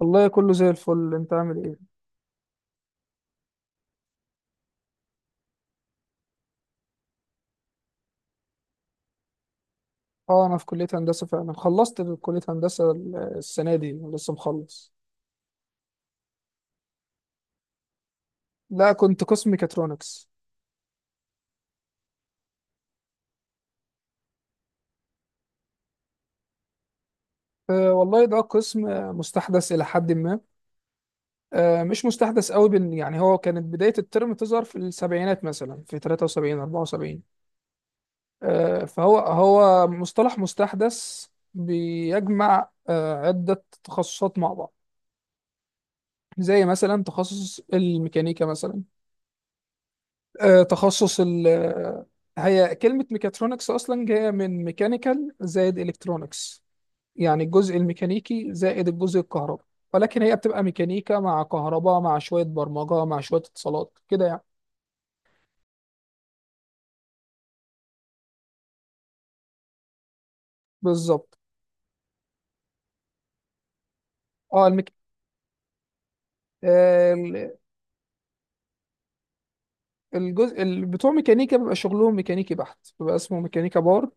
والله كله زي الفل، انت عامل ايه؟ اه، انا في كلية هندسة فعلا. خلصت كلية هندسة السنة دي، لسه مخلص. لا، كنت قسم ميكاترونكس. والله ده قسم مستحدث الى حد ما. مش مستحدث قوي، يعني هو كانت بداية الترم تظهر في السبعينات، مثلا في 73، 74. فهو مصطلح مستحدث بيجمع عدة تخصصات مع بعض، زي مثلا تخصص الميكانيكا مثلا. آه، تخصص ال آه، هي كلمة ميكاترونكس أصلا جاية من ميكانيكال زائد إلكترونكس، يعني الجزء الميكانيكي زائد الجزء الكهرباء. ولكن هي بتبقى ميكانيكا مع كهرباء مع شوية برمجة مع شوية اتصالات، كده يعني. بالظبط. اه المك... آه، ال- الجزء بتوع ميكانيكا بيبقى شغلهم ميكانيكي بحت، بيبقى اسمه ميكانيكا بار.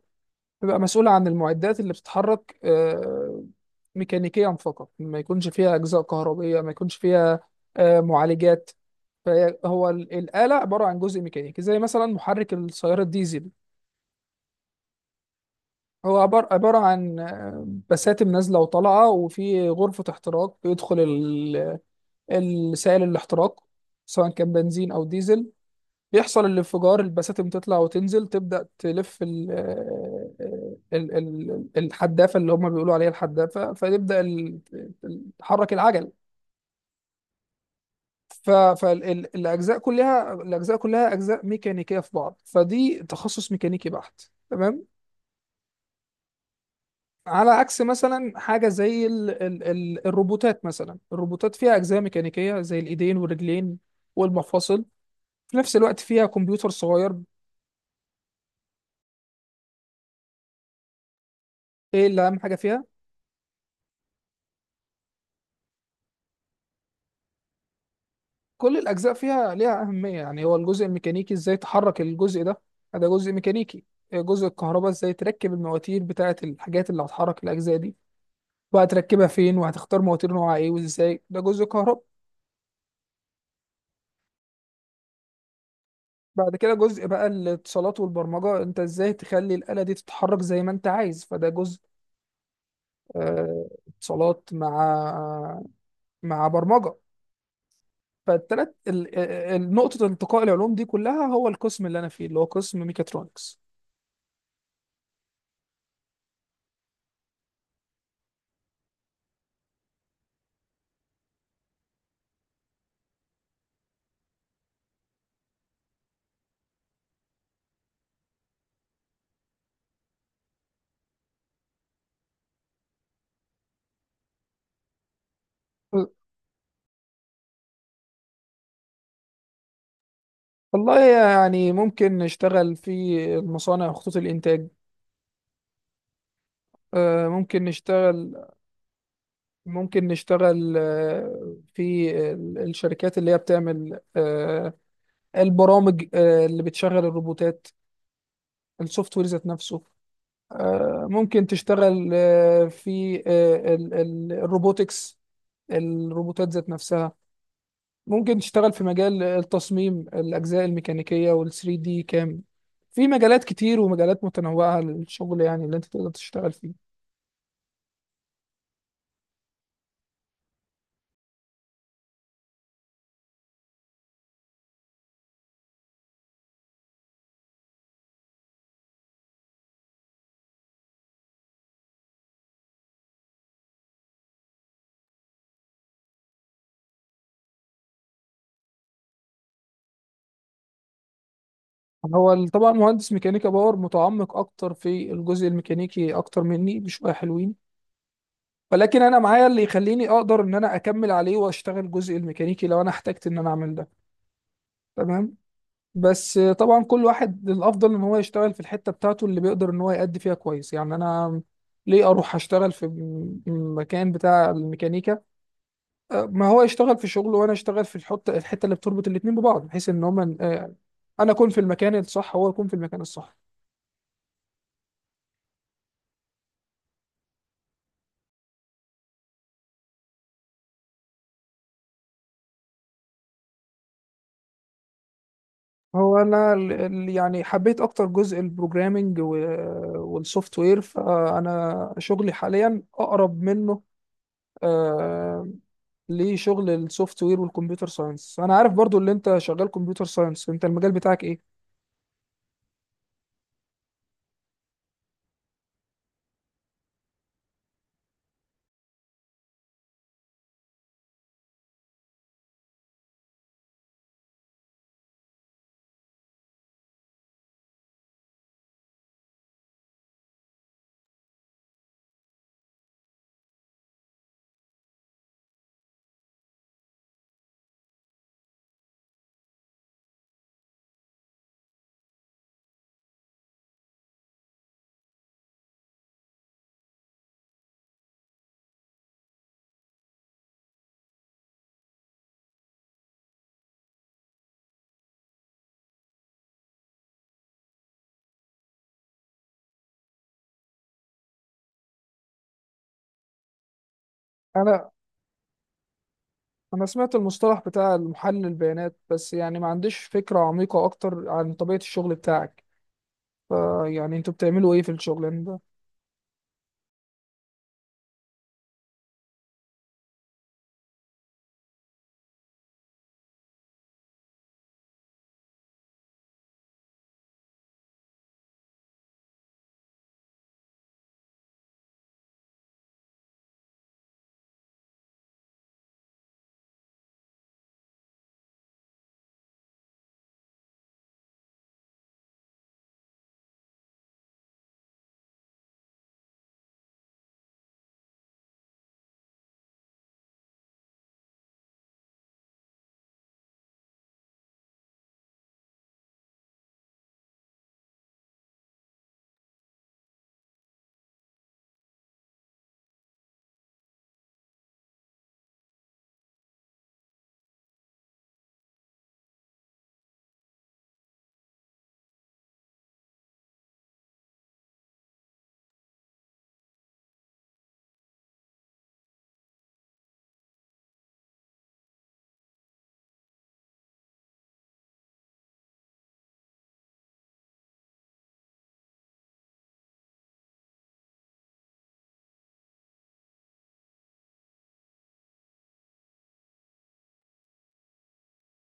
بيبقى مسؤولة عن المعدات اللي بتتحرك ميكانيكيا فقط، ما يكونش فيها أجزاء كهربية، ما يكونش فيها معالجات. فهو الآلة عبارة عن جزء ميكانيكي، زي مثلا محرك السيارة الديزل. هو عبارة عن بساتم نازلة وطالعة، وفي غرفة احتراق بيدخل السائل الاحتراق، سواء كان بنزين أو ديزل. بيحصل الانفجار، البساتم تطلع وتنزل، تبدأ تلف ال آه، ال- ال- الحدافة، اللي هم بيقولوا عليها الحدافة، فتبدأ تحرك العجل. فالأجزاء كلها الأجزاء كلها أجزاء ميكانيكية في بعض، فدي تخصص ميكانيكي بحت، تمام. على عكس مثلا حاجة زي ال ال ال الروبوتات مثلا، الروبوتات فيها أجزاء ميكانيكية زي الإيدين والرجلين والمفاصل، في نفس الوقت فيها كمبيوتر صغير. إيه اللي أهم حاجة فيها؟ كل الأجزاء فيها ليها أهمية، يعني هو الجزء الميكانيكي إزاي تحرك الجزء ده، ده جزء ميكانيكي. جزء الكهرباء، إزاي تركب المواتير بتاعة الحاجات اللي هتحرك الأجزاء دي، وهتركبها فين، وهتختار مواتير نوعها إيه وإزاي، ده جزء كهرباء. بعد كده، جزء بقى الاتصالات والبرمجة، أنت إزاي تخلي الآلة دي تتحرك زي ما أنت عايز، فده جزء اتصالات مع برمجة. فالتلات نقطة التقاء العلوم دي كلها هو القسم اللي أنا فيه، اللي هو قسم ميكاترونكس. والله، يعني ممكن نشتغل في المصانع، خطوط الإنتاج، آه، ممكن نشتغل ممكن نشتغل في الشركات اللي هي بتعمل البرامج اللي بتشغل الروبوتات، السوفت وير ذات نفسه. ممكن تشتغل في الروبوتكس، الروبوتات ذات نفسها. ممكن تشتغل في مجال التصميم الأجزاء الميكانيكية وال 3 دي كام. في مجالات كتير ومجالات متنوعة للشغل، يعني اللي أنت تقدر تشتغل فيه. هو طبعا مهندس ميكانيكا باور متعمق أكتر في الجزء الميكانيكي أكتر مني بشوية حلوين. ولكن أنا معايا اللي يخليني أقدر إن أنا أكمل عليه وأشتغل الجزء الميكانيكي لو أنا احتجت إن أنا أعمل ده، تمام. بس طبعا كل واحد الأفضل إن هو يشتغل في الحتة بتاعته اللي بيقدر إن هو يأدي فيها كويس، يعني أنا ليه اروح اشتغل في مكان بتاع الميكانيكا؟ ما هو يشتغل في شغله وانا اشتغل في الحته اللي بتربط الاثنين ببعض، بحيث ان هما، انا اكون في المكان الصح، هو يكون في المكان الصح. هو انا يعني حبيت اكتر جزء البروجرامينج والسوفت وير، فانا شغلي حاليا اقرب منه آه، لشغل السوفت وير والكمبيوتر ساينس. انا عارف برضو اللي انت شغال كمبيوتر ساينس، انت المجال بتاعك ايه؟ انا انا سمعت المصطلح بتاع محلل البيانات، بس يعني ما عنديش فكرة عميقة اكتر عن طبيعة الشغل بتاعك، فيعني انتوا بتعملوا ايه في الشغل ده؟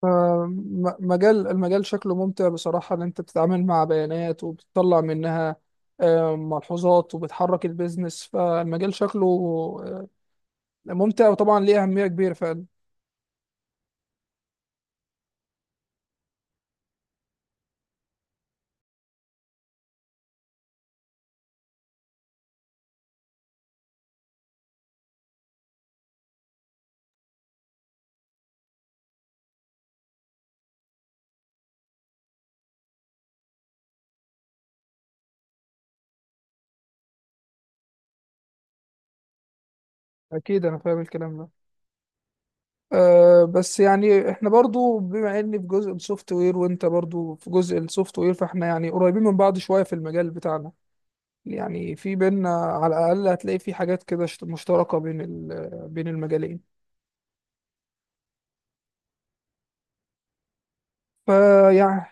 المجال شكله ممتع بصراحة، ان انت بتتعامل مع بيانات وبتطلع منها ملحوظات، وبتحرك البيزنس، فالمجال شكله آه، ممتع، وطبعا ليه أهمية كبيرة فعلا. أكيد أنا فاهم الكلام ده. بس يعني احنا برضو بما اني في جزء السوفت وير وانت برضو في جزء السوفت وير، فاحنا يعني قريبين من بعض شوية في المجال بتاعنا، يعني في بيننا على الأقل هتلاقي في حاجات كده مشتركة بين بين المجالين، فيعني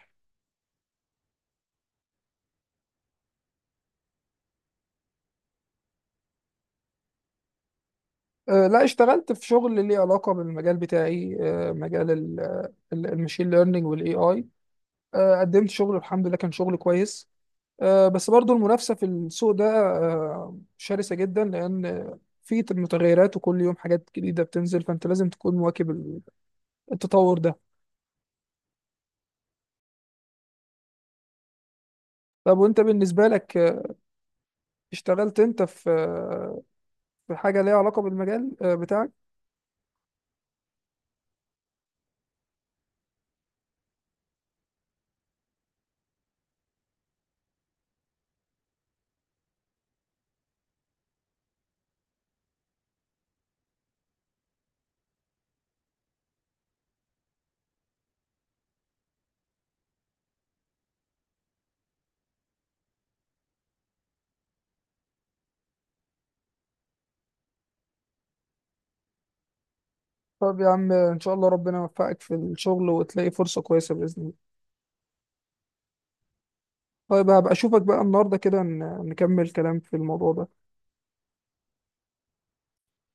لا، اشتغلت في شغل ليه علاقة بالمجال بتاعي، مجال المشين ليرنينج والاي اي. قدمت شغل الحمد لله، كان شغل كويس، بس برضو المنافسة في السوق ده شرسة جدا، لأن في متغيرات وكل يوم حاجات جديدة بتنزل، فأنت لازم تكون مواكب التطور ده. طب وأنت بالنسبة لك، اشتغلت أنت في حاجة ليها علاقة بالمجال بتاعك؟ طب يا عم، إن شاء الله ربنا يوفقك في الشغل وتلاقي فرصة كويسة بإذن الله. طيب هبقى اشوفك بقى النهارده كده، نكمل كلام في الموضوع ده.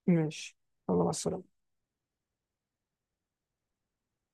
ماشي، يلا مع السلامة.